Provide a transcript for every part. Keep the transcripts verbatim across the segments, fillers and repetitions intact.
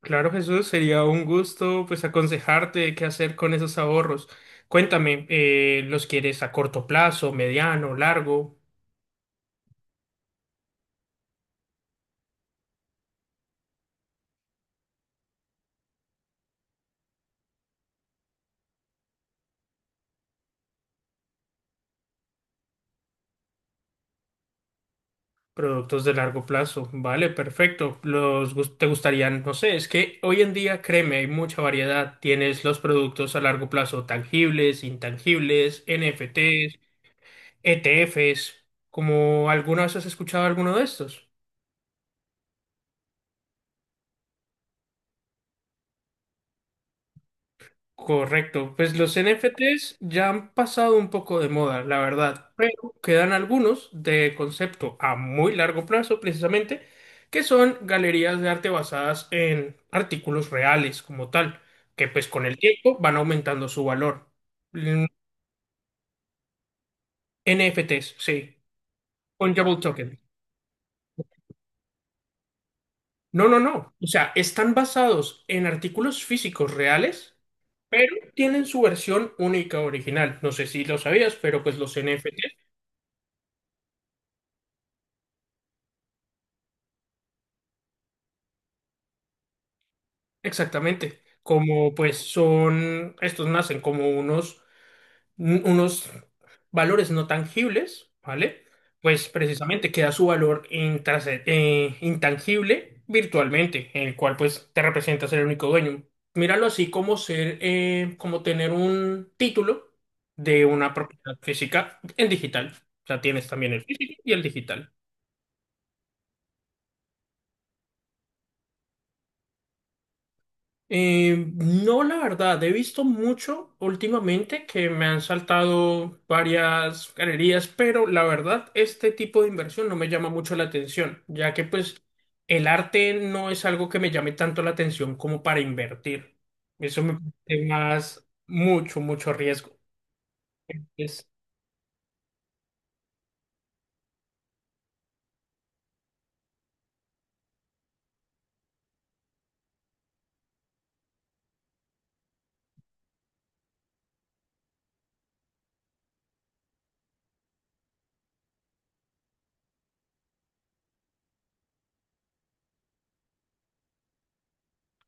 Claro, Jesús, sería un gusto pues aconsejarte qué hacer con esos ahorros. Cuéntame, eh, ¿los quieres a corto plazo, mediano, largo? Productos de largo plazo. Vale, perfecto. Los gus- te gustarían, no sé, es que hoy en día, créeme, hay mucha variedad. Tienes los productos a largo plazo tangibles, intangibles, N F Ts, E T Fs. ¿Como alguna vez has escuchado alguno de estos? Correcto, pues los N F Ts ya han pasado un poco de moda, la verdad, pero quedan algunos de concepto a muy largo plazo precisamente, que son galerías de arte basadas en artículos reales como tal, que pues con el tiempo van aumentando su valor. Mm, N F Ts, sí, fungible token. No, no, no, o sea, están basados en artículos físicos reales. Pero tienen su versión única original. No sé si lo sabías, pero pues los N F T. Exactamente, como pues son, estos nacen como unos, unos valores no tangibles, ¿vale? Pues precisamente queda su valor intrase- eh, intangible virtualmente, en el cual pues te representas el único dueño. Míralo así como ser, eh, como tener un título de una propiedad física en digital. O sea, tienes también el físico y el digital. Eh, no, la verdad, he visto mucho últimamente que me han saltado varias galerías, pero la verdad, este tipo de inversión no me llama mucho la atención, ya que pues el arte no es algo que me llame tanto la atención como para invertir. Eso me parece más mucho, mucho riesgo.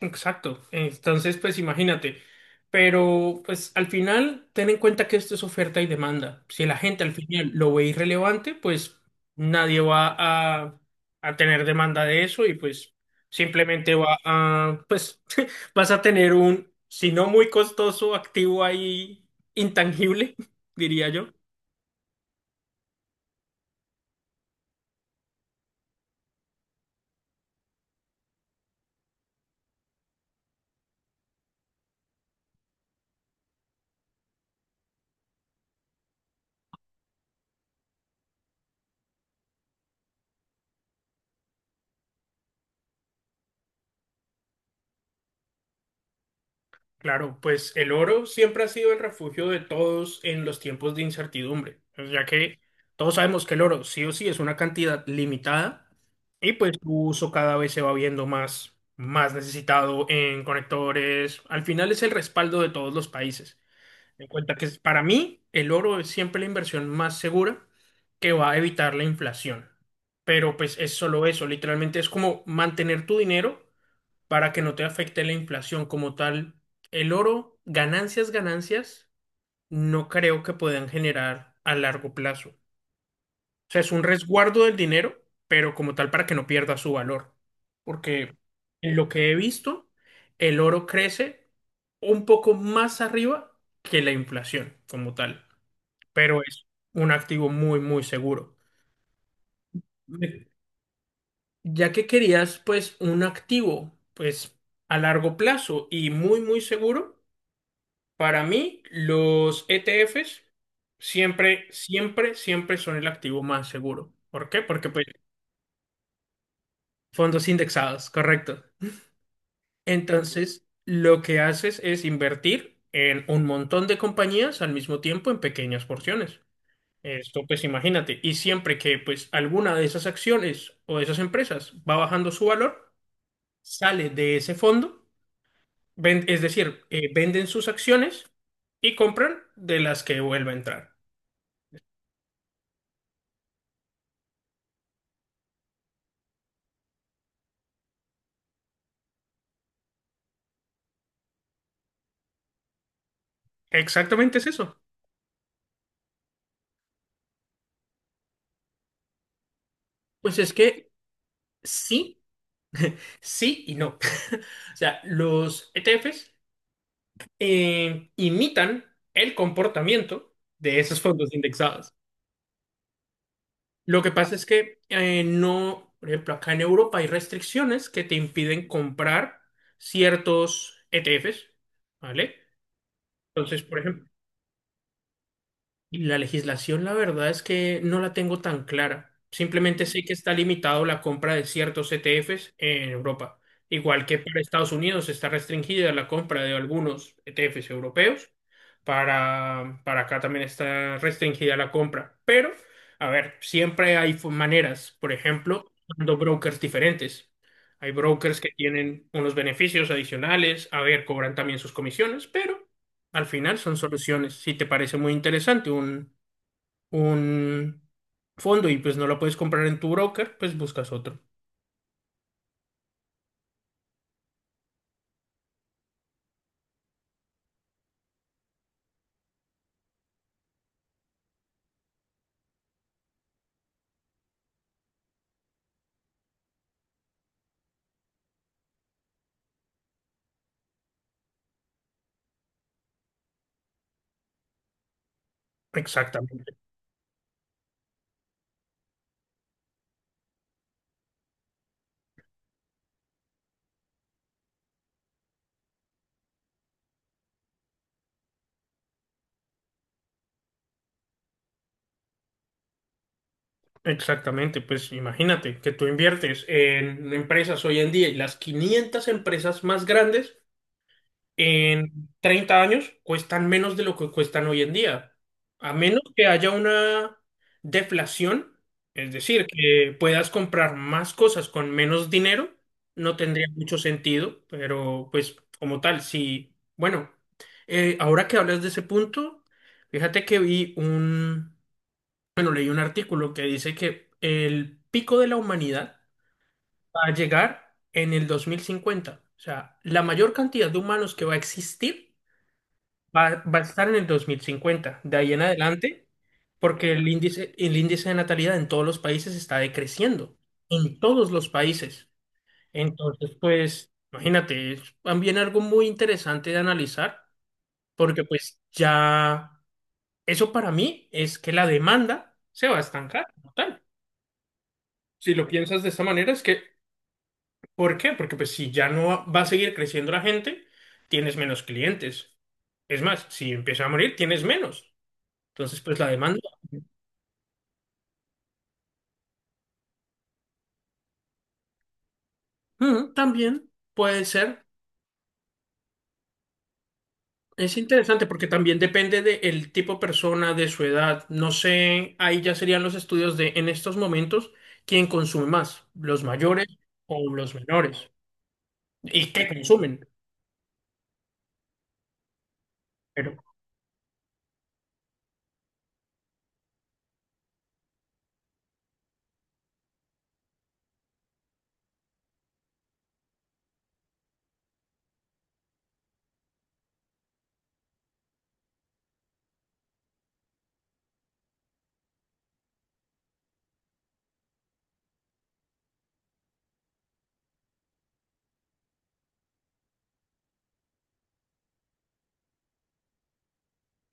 Exacto. Entonces, pues imagínate. Pero, pues al final, ten en cuenta que esto es oferta y demanda. Si la gente al final lo ve irrelevante, pues nadie va a, a tener demanda de eso y pues simplemente va a, pues vas a tener un, si no muy costoso, activo ahí intangible, diría yo. Claro, pues el oro siempre ha sido el refugio de todos en los tiempos de incertidumbre, ya que todos sabemos que el oro sí o sí es una cantidad limitada y pues su uso cada vez se va viendo más, más necesitado en conectores. Al final es el respaldo de todos los países. En cuenta que para mí el oro es siempre la inversión más segura que va a evitar la inflación. Pero pues es solo eso, literalmente es como mantener tu dinero para que no te afecte la inflación como tal. El oro, ganancias, ganancias, no creo que puedan generar a largo plazo. O sea, es un resguardo del dinero, pero como tal para que no pierda su valor. Porque en lo que he visto, el oro crece un poco más arriba que la inflación como tal, pero es un activo muy, muy seguro. Me- Ya que querías, pues, un activo, pues, a largo plazo y muy, muy seguro, para mí, los E T Fs siempre, siempre, siempre son el activo más seguro. ¿Por qué? Porque pues fondos indexados, correcto. Entonces, lo que haces es invertir en un montón de compañías al mismo tiempo en pequeñas porciones. Esto pues imagínate, y siempre que pues alguna de esas acciones o de esas empresas va bajando su valor, sale de ese fondo, ven- es decir, eh, venden sus acciones y compran de las que vuelve a entrar. Exactamente es eso. Pues es que sí, sí y no. O sea, los E T Fs eh, imitan el comportamiento de esos fondos indexados. Lo que pasa es que eh, no, por ejemplo, acá en Europa hay restricciones que te impiden comprar ciertos E T Fs, ¿vale? Entonces, por ejemplo, y la legislación, la verdad es que no la tengo tan clara. Simplemente sé que está limitado la compra de ciertos E T Fs en Europa. Igual que para Estados Unidos está restringida la compra de algunos E T Fs europeos. Para, para acá también está restringida la compra. Pero, a ver, siempre hay fo- maneras. Por ejemplo, usando brokers diferentes. Hay brokers que tienen unos beneficios adicionales. A ver, cobran también sus comisiones, pero al final son soluciones. Si te parece muy interesante un, un fondo y pues no lo puedes comprar en tu broker, pues buscas otro. Exactamente, exactamente. Pues imagínate que tú inviertes en empresas hoy en día y las quinientas empresas más grandes en treinta años cuestan menos de lo que cuestan hoy en día, a menos que haya una deflación, es decir, que puedas comprar más cosas con menos dinero, no tendría mucho sentido, pero pues como tal, sí, bueno, eh, ahora que hablas de ese punto, fíjate que vi un, bueno, leí un artículo que dice que el pico de la humanidad va a llegar en el dos mil cincuenta, o sea, la mayor cantidad de humanos que va a existir Va, va a estar en el dos mil cincuenta de ahí en adelante, porque el índice, el índice de natalidad en todos los países está decreciendo, en todos los países. Entonces, pues, imagínate, es también algo muy interesante de analizar, porque pues ya, eso para mí es que la demanda se va a estancar, como tal. Si lo piensas de esta manera, es que, ¿por qué? Porque pues si ya no va a seguir creciendo la gente, tienes menos clientes. Es más, si empieza a morir, tienes menos. Entonces, pues la demanda. Mm, también puede ser. Es interesante porque también depende del tipo de persona, de su edad. No sé, ahí ya serían los estudios de en estos momentos quién consume más, los mayores o los menores. ¿Y qué consumen? Pero,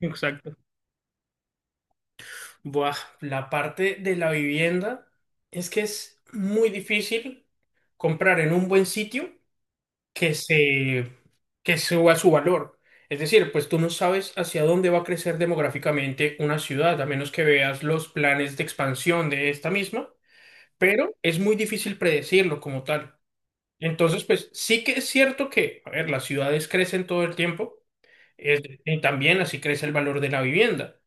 exacto. Buah, la parte de la vivienda es que es muy difícil comprar en un buen sitio que se, que suba su valor. Es decir, pues tú no sabes hacia dónde va a crecer demográficamente una ciudad, a menos que veas los planes de expansión de esta misma, pero es muy difícil predecirlo como tal. Entonces, pues sí que es cierto que, a ver, las ciudades crecen todo el tiempo, es- y también así crece el valor de la vivienda,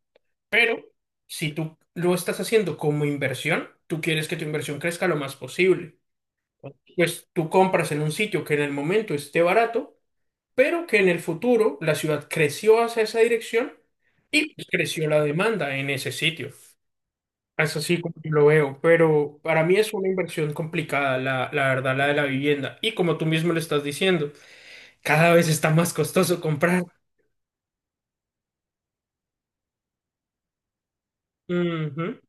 pero si tú lo estás haciendo como inversión, tú quieres que tu inversión crezca lo más posible. Pues tú compras en un sitio que en el momento esté barato pero que en el futuro la ciudad creció hacia esa dirección y pues, creció la demanda en ese sitio. Es así como yo lo veo, pero para mí es una inversión complicada, la, la verdad, la de la vivienda. Y como tú mismo lo estás diciendo, cada vez está más costoso comprar. Ujú,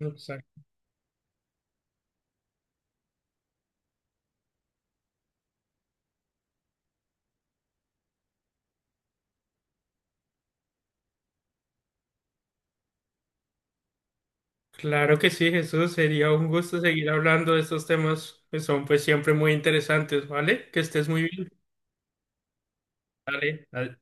exacto. Claro que sí, Jesús, sería un gusto seguir hablando de estos temas que son pues siempre muy interesantes, ¿vale? Que estés muy bien. Dale,